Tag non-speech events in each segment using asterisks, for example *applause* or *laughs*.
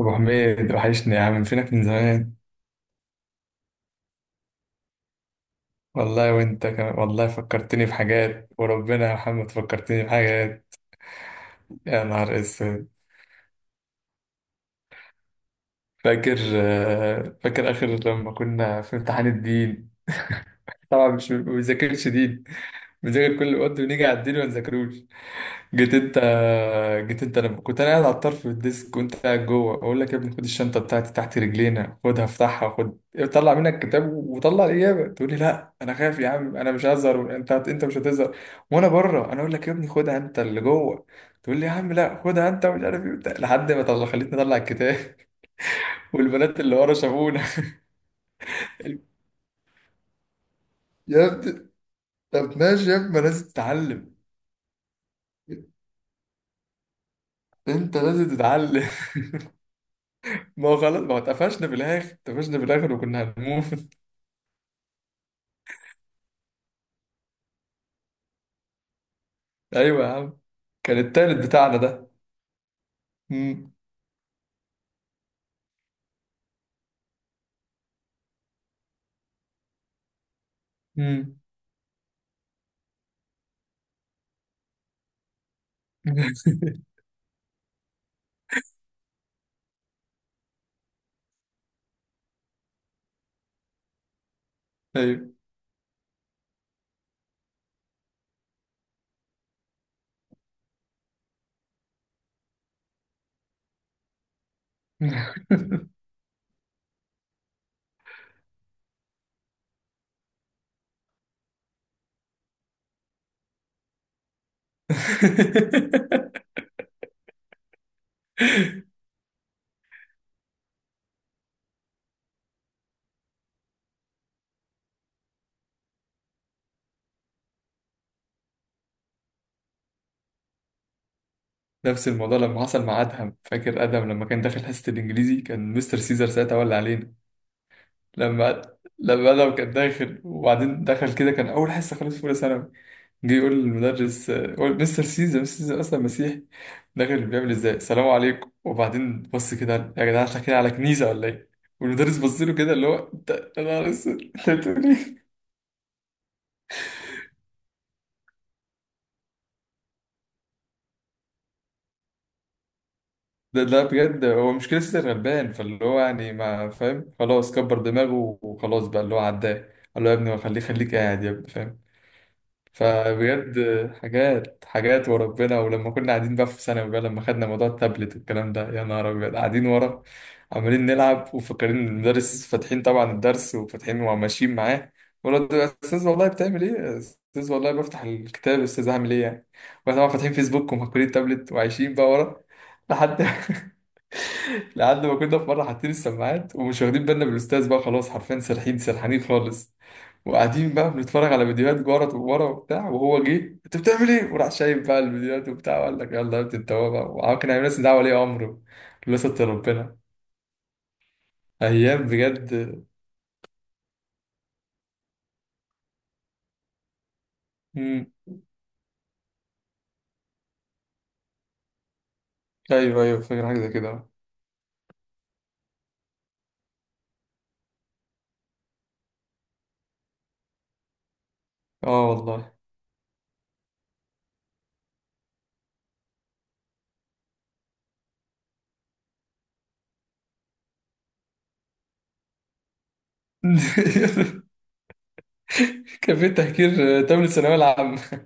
ابو حميد وحشني يا عم، فينك من زمان. والله وانت كمان والله، فكرتني بحاجات وربنا يا محمد، فكرتني بحاجات. يا نهار اسود. فاكر اخر لما كنا في امتحان الدين. طبعا مش ما بنذاكرش دين، بنذاكر كل وقت ونيجي على الدين ما نذاكروش. جيت انت جيت انت لما كنت انا قاعد على الطرف في الديسك، كنت قاعد جوه اقول لك يا ابني خد الشنطه بتاعتي تحت رجلينا، خدها افتحها خد طلع منك الكتاب وطلع الاجابه. تقول لي لا انا خايف يا عم، انا مش هزهر. انت مش هتزهر. وانا بره انا اقول لك يا ابني خدها انت اللي جوه، تقول لي يا عم لا خدها انت، ومش عارف ايه وبتاع. لحد ما طلع خليتني اطلع الكتاب. *laughs* والبنات اللي ورا شافونا. *laughs* يا ابني طب ماشي يا ابني، ما لازم تتعلم. انت لازم تتعلم. *laughs* ما هو خلاص، ما هو اتقفشنا في الاخر، اتقفشنا في الاخر وكنا هنموت. ايوه يا عم، كان التالت بتاعنا ده. مم. مم. *laughs* ايوه. *laughs* نفس الموضوع لما حصل مع ادهم. فاكر ادهم لما كان داخل حصه الانجليزي، كان مستر سيزر ساعتها ولا علينا. لما لما ادم كان داخل وبعدين دخل كده، كان اول حصه خالص في اولى ثانوي، جه يقول للمدرس، يقول مستر سيزا مستر سيزا اصلا مسيحي، داخل بيعمل ازاي السلام عليكم، وبعدين بص كده يا جدعان احنا كده على كنيسه ولا ايه. والمدرس بص له كده اللي هو انت يا نهار اسود انت بتقول ايه. ده بجد هو مش كده، سيزا غلبان فاللي هو يعني ما فاهم، خلاص كبر دماغه وخلاص بقى اللي هو عداه، قال له يا ابني خليك خليك قاعد يا ابني فاهم. فبجد حاجات حاجات وربنا. ولما كنا قاعدين بقى في ثانوي بقى، لما خدنا موضوع التابلت والكلام ده، يا نهار ابيض، قاعدين ورا عمالين نلعب وفاكرين إن المدرس فاتحين طبعا الدرس وفاتحين وماشيين معاه، ولد يا استاذ والله بتعمل ايه يا استاذ والله بفتح الكتاب يا استاذ هعمل ايه يعني. واحنا طبعا فاتحين فيسبوك ومهكولين تابلت وعايشين بقى ورا. لحد *laughs* لحد ما كنا في مره حاطين السماعات ومش واخدين بالنا بالاستاذ بقى، خلاص حرفيا سرحين سرحانين خالص، وقاعدين بقى بنتفرج على فيديوهات ورا ورا وبتاع، وهو جه انت بتعمل ايه؟ وراح شايف بقى الفيديوهات وبتاع، وقال لك يلا يا ابني، انت هو بقى، وعم كان عامل لنا دعوه ولي امره. لله ستر ربنا. ايام بجد. مم. ايوه ايوه، فاكر حاجه زي كده. اه والله. *laughs* كان في تهكير تمن الثانويه العامه،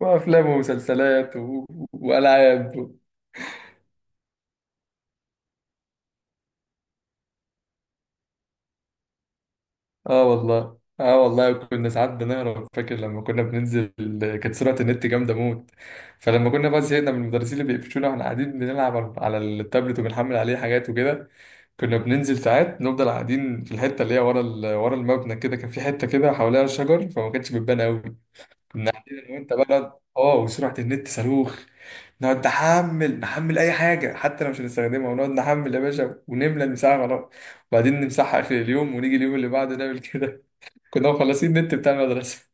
وافلام ومسلسلات والعاب. اه والله، اه والله كنا ساعات بنهرب. فاكر لما كنا بننزل، كانت سرعة النت جامدة موت، فلما كنا بقى زهقنا من المدرسين اللي بيقفشونا واحنا قاعدين بنلعب على التابلت وبنحمل عليه حاجات وكده، كنا بننزل ساعات، نفضل قاعدين في الحتة اللي هي ورا ورا المبنى كده، كان في حتة كده حواليها شجر فما كانتش بتبان قوي. كنا قاعدين انا وانت بقى اه وسرعة النت صاروخ، نقعد نحمل نحمل اي حاجة حتى لو مش هنستخدمها، ونقعد نحمل يا باشا ونملى المساحة خلاص، وبعدين نمسحها اخر اليوم، ونيجي اليوم اللي بعده نعمل كده. كنا مخلصين النت بتاع المدرسة.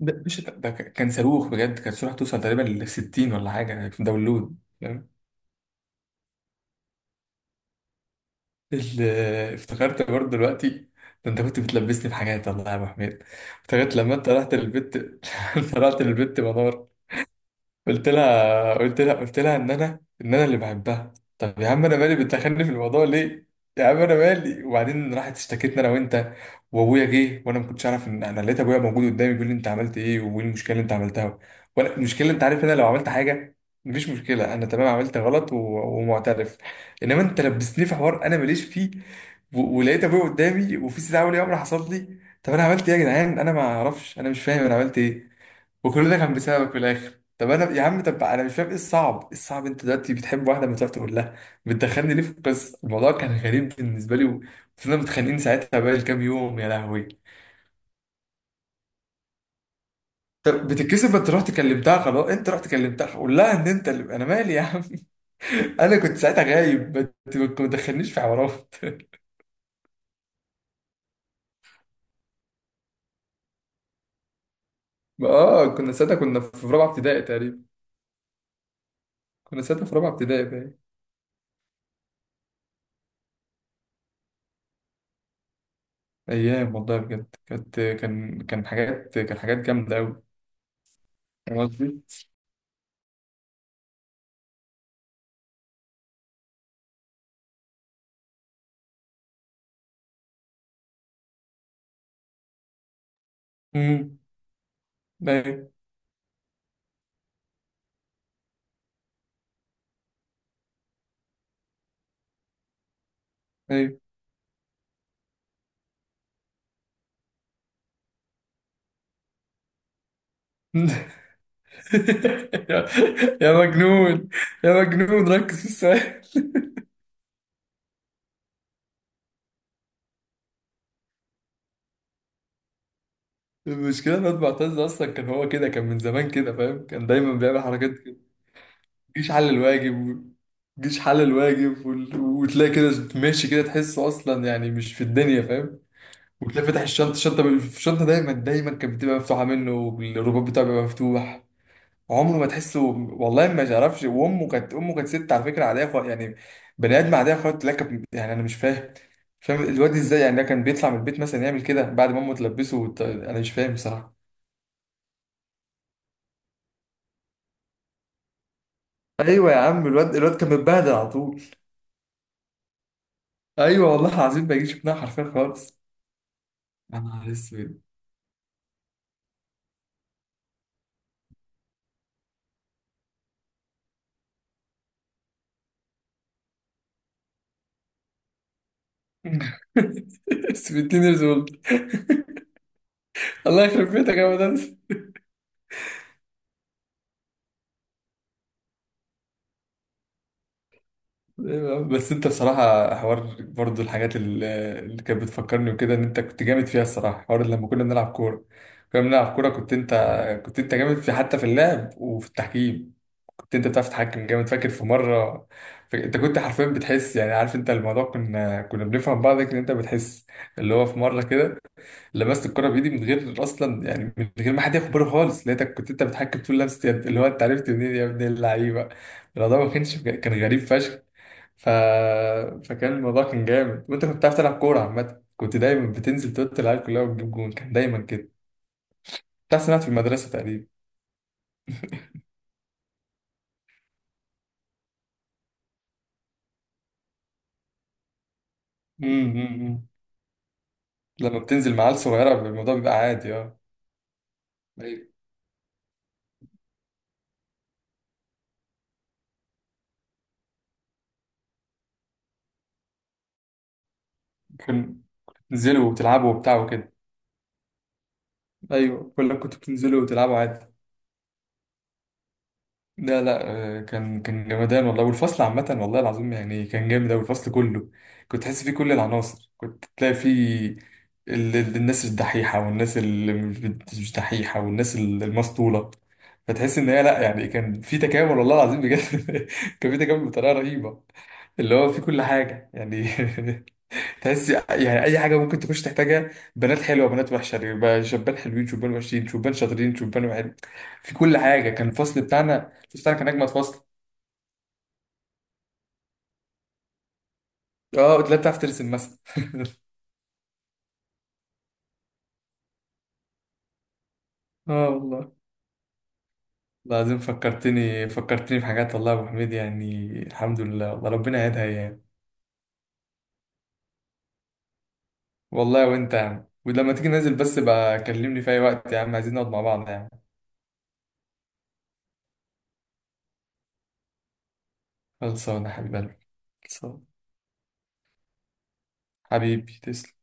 *laughs* مش ده ده كان صاروخ بجد، كان صاروخ توصل تقريبا ل 60 ولا حاجة يعني في داونلود، فاهم. ال- افتكرت برضه دلوقتي. ده انت كنت بتلبسني في حاجات والله يا ابو حميد. افتكرت لما انت رحت للبت *laughs* انت رحت للبت منار، قلت لها ان انا اللي بحبها. طب يا عم انا مالي، بتدخلني في الموضوع ليه؟ يا عم انا مالي. وبعدين راحت اشتكتنا انا وانت، وابويا جه وانا ما كنتش اعرف ان انا، لقيت ابويا موجود قدامي بيقول لي انت عملت ايه وايه المشكله اللي انت عملتها. وانا المشكله انت عارف إن انا لو عملت حاجه، مفيش مشكله، انا تمام عملت غلط ومعترف، انما انت لبستني في حوار انا ماليش فيه، ولقيت ابويا قدامي وفي استدعاء ولي امر حصل لي. طب انا عملت ايه يا جدعان، انا ما اعرفش انا مش فاهم انا عملت ايه، وكل ده كان بسببك في الاخر. طب انا يا عم، طب انا مش فاهم ايه الصعب، إيه الصعب؟ انت دلوقتي بتحب واحده مش عارف تقول لها، بتدخلني ليه في القصه؟ الموضوع كان غريب بالنسبه لي، وكنا متخانقين ساعتها بقى كام يوم يا لهوي. طب بتتكسف انت رحت كلمتها، خلاص انت رحت كلمتها قول لها ان انت انا مالي يا عم. *laughs* انا كنت ساعتها غايب، ما تدخلنيش في حوارات. *laughs* اه كنا ساعتها في رابعه ابتدائي تقريبا. كنا ساعتها في رابعه ابتدائي بقى. ايام والله بجد كانت، كان حاجات جامده قوي، فاهم قصدي؟ امم ايوه. *laughs* يا يا مجنون، يا مجنون ركز في السؤال. المشكلة إن أنا معتز أصلا كان هو كده، كان من زمان كده فاهم، كان دايما بيعمل حركات كده. مجيش حل الواجب و- مجيش حل الواجب وتلاقي كده ماشي كده تحسه أصلا يعني مش في الدنيا فاهم. وتلاقي فتح الشنطة، دايما كانت بتبقى مفتوحة منه، والرباط بتاعه بيبقى مفتوح. عمره ما تحسه، والله ما تعرفش. وامه كانت، امه كانت ست على فكره عاديه خالص يعني، بني ادم عاديه خالص لك. يعني انا مش فاهم، الواد ازاي يعني، ده كان بيطلع من البيت مثلا يعمل كده بعد ما امه تلبسه انا مش فاهم بصراحه. ايوه يا عم، الواد كان متبهدل على طول. ايوه والله العظيم ما يجيش منها حرفيا خالص. يا نهار اسود. *laughs* اسود تينيرز اولد. الله يخرب بيتك يا مدرس. بس انت بصراحة حوار، برضو الحاجات اللي كانت بتفكرني وكده ان انت كنت جامد فيها، الصراحة حوار لما كنا بنلعب كورة. كنا بنلعب كورة كنت انت كنت انت جامد في حتى في اللعب وفي التحكيم. كنت انت بتعرف تتحكم جامد. فاكر في مرة، انت كنت حرفيا بتحس يعني، عارف انت الموضوع، كنا بنفهم بعض ان انت بتحس. اللي هو في مرة كده لمست الكرة بإيدي من غير أصلا يعني من غير ما حد ياخد باله خالص، لقيتك كنت انت بتحكم طول لمسة يد. اللي هو انت عرفت منين يا ابن اللعيبة؟ الموضوع ما كانش، كان غريب فشخ. ف... فكان الموضوع كان جامد، وانت كنت بتعرف تلعب كورة عامة، كنت دايما بتنزل توت العيال كلها وتجيب جون، كان دايما كده بتاع، سمعت في المدرسة تقريبا. أمم. لما بتنزل مع عيال صغيرة الموضوع بيبقى عادي. اه ايوه. كنت بتنزلوا وتلعبوا وبتاع وكده. ايوه كلكم كنتوا بتنزلوا وتلعبوا عادي. لا لا. كان جمدان والله، والفصل عامة والله العظيم يعني كان جامد أوي الفصل كله. كنت تحس فيه كل العناصر، كنت تلاقي فيه الناس الدحيحة، والناس اللي مش، مش دحيحة، والناس المسطولة. فتحس إن هي لا يعني، كان في تكامل والله العظيم بجد. *laughs* كان في تكامل بطريقة رهيبة، اللي هو في كل حاجة يعني. *laughs* تحس يعني اي حاجه ممكن تخش تحتاجها، بنات حلوه بنات وحشه، يبقى شبان حلوين شبان وحشين، شبان شاطرين شبان وحلو، في كل حاجه. كان الفصل بتاعنا، كان اجمد فصل. اه لا بتعرف ترسم مثلا. *laughs* اه والله العظيم فكرتني، بحاجات والله يا ابو حميد، يعني الحمد لله، والله ربنا يهديها يعني. والله وانت يا عم، ولما تيجي ننزل بس بقى كلمني في اي وقت يا عم، عايزين نقعد مع بعض يا عم. خلصانه يا حبيب قلبي، خلصانه. حبيبي تسلم.